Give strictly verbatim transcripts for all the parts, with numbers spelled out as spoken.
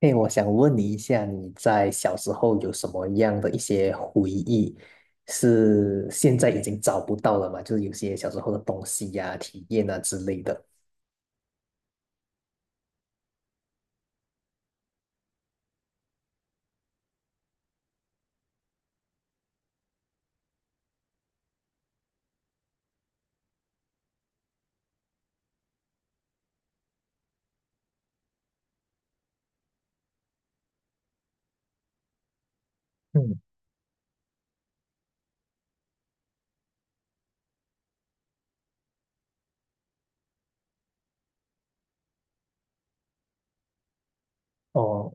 哎，我想问你一下，你在小时候有什么样的一些回忆，是现在已经找不到了吗？就是有些小时候的东西呀、体验啊之类的。嗯，哦，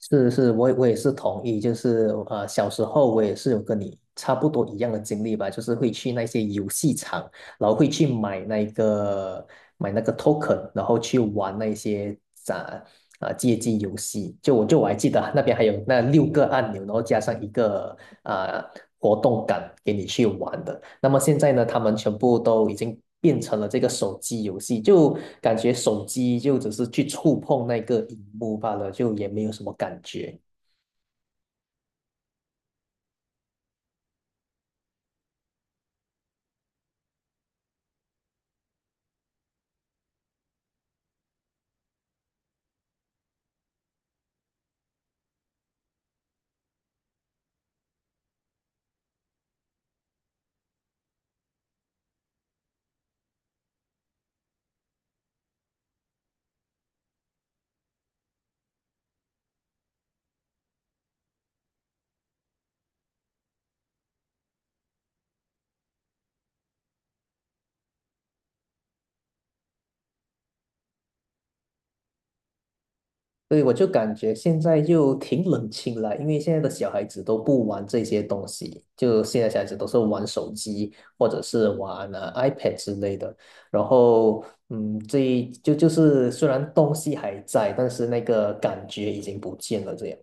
是是，我也我也是同意，就是呃，小时候我也是有跟你差不多一样的经历吧，就是会去那些游戏场，然后会去买那个买那个 token，然后去玩那些咋啊街机游戏。就我就我还记得那边还有那六个按钮，然后加上一个啊、活动杆给你去玩的。那么现在呢，他们全部都已经变成了这个手机游戏，就感觉手机就只是去触碰那个荧幕罢了，就也没有什么感觉。对，我就感觉现在就挺冷清了，因为现在的小孩子都不玩这些东西，就现在小孩子都是玩手机或者是玩呃 iPad 之类的。然后，嗯，这就就是虽然东西还在，但是那个感觉已经不见了，这样。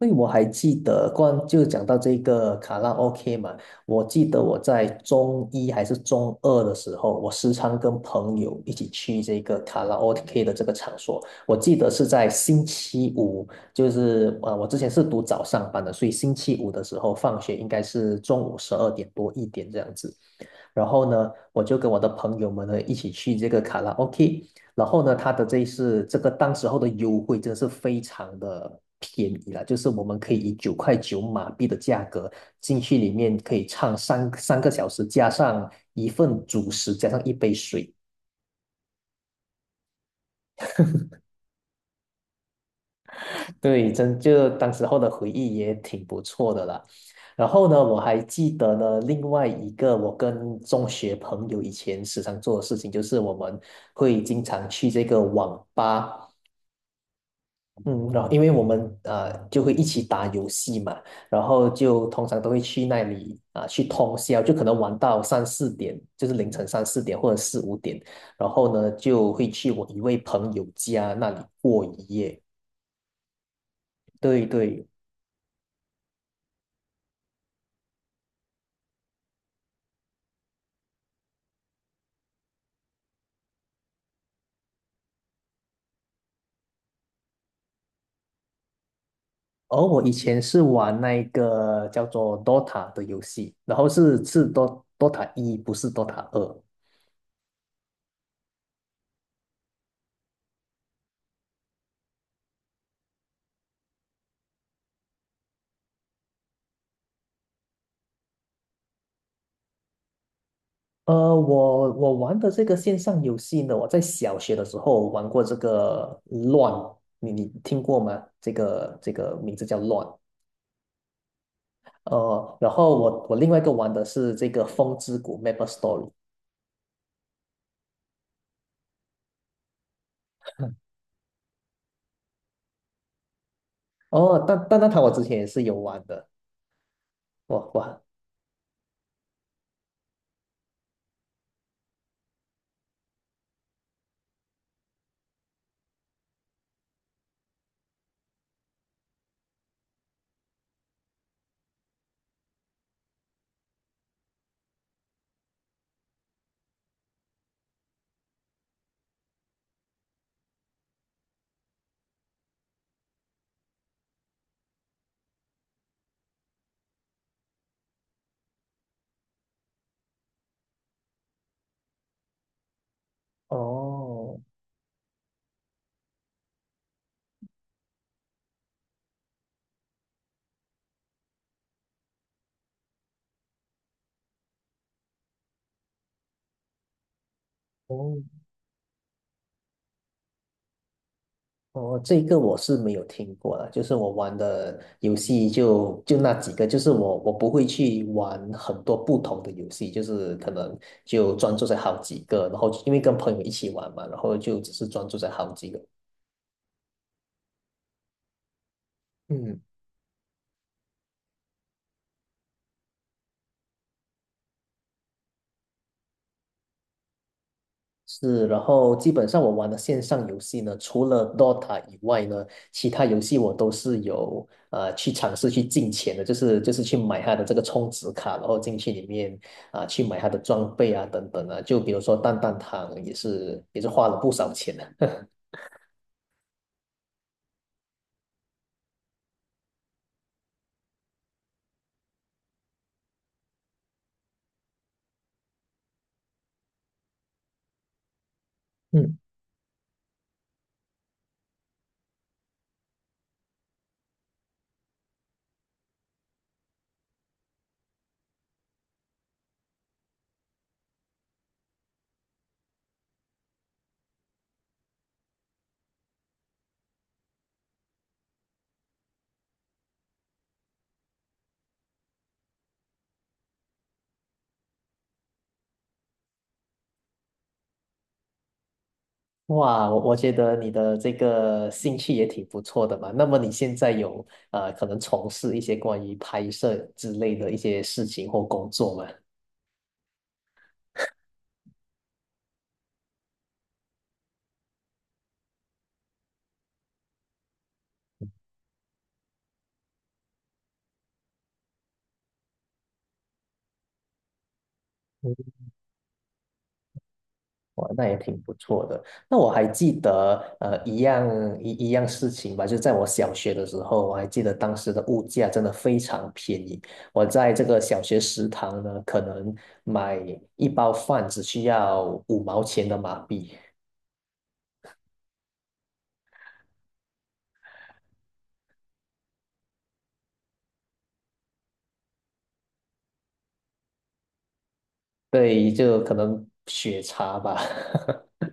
因为我还记得，关就讲到这个卡拉 OK 嘛，我记得我在中一还是中二的时候，我时常跟朋友一起去这个卡拉 OK 的这个场所。我记得是在星期五，就是啊，我之前是读早上班的，所以星期五的时候放学应该是中午十二点多一点这样子。然后呢，我就跟我的朋友们呢一起去这个卡拉 OK。然后呢，它的这一是这个当时候的优惠真的是非常的便宜了，就是我们可以以九块九马币的价格进去里面可以唱三三个小时，加上一份主食，加上一杯水。对，真就当时候的回忆也挺不错的啦。然后呢，我还记得呢，另外一个我跟中学朋友以前时常做的事情，就是我们会经常去这个网吧。嗯，然后因为我们呃就会一起打游戏嘛，然后就通常都会去那里啊、去通宵，就可能玩到三四点，就是凌晨三四点或者四五点，然后呢就会去我一位朋友家那里过一夜。对对，而我以前是玩那个叫做 Dota 的游戏，然后是是 Dota 一，不是 Dota 二。呃，我我玩的这个线上游戏呢，我在小学的时候玩过这个乱，你你听过吗？这个这个名字叫乱。呃，然后我我另外一个玩的是这个风之谷 m a p e Story。哦，但但那它我之前也是有玩的，哇哇，哦哦，哦，这个我是没有听过的，就是我玩的游戏就就那几个，就是我我不会去玩很多不同的游戏，就是可能就专注在好几个，然后因为跟朋友一起玩嘛，然后就只是专注在好几个。嗯是，然后基本上我玩的线上游戏呢，除了 Dota 以外呢，其他游戏我都是有呃去尝试去进钱的，就是就是去买它的这个充值卡，然后进去里面啊、去买它的装备啊等等啊，就比如说蛋蛋堂也是也是花了不少钱的。嗯，哇，我我觉得你的这个兴趣也挺不错的嘛。那么你现在有呃可能从事一些关于拍摄之类的一些事情或工作吗？哇，那也挺不错的。那我还记得，呃，一样一一样事情吧，就在我小学的时候，我还记得当时的物价真的非常便宜。我在这个小学食堂呢，可能买一包饭只需要五毛钱的马币，对，就可能血茶吧。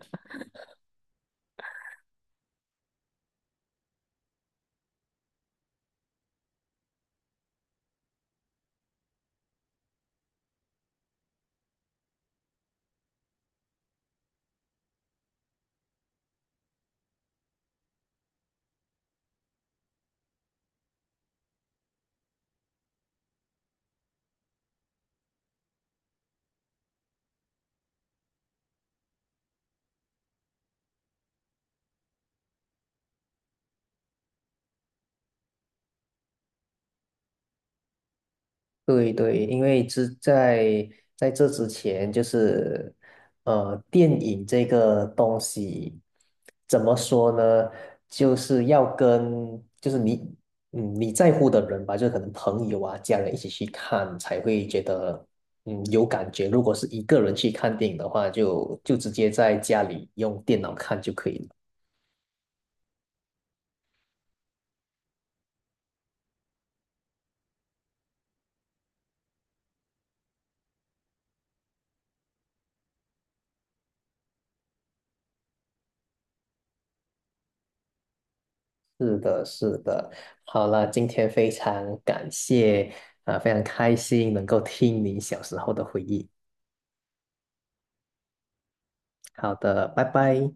对对，因为之在在这之前，就是呃，电影这个东西怎么说呢？就是要跟就是你嗯你在乎的人吧，就可能朋友啊、家人一起去看，才会觉得嗯有感觉。如果是一个人去看电影的话，就就直接在家里用电脑看就可以了。是的，是的。好了，今天非常感谢，啊、非常开心能够听你小时候的回忆。好的，拜拜。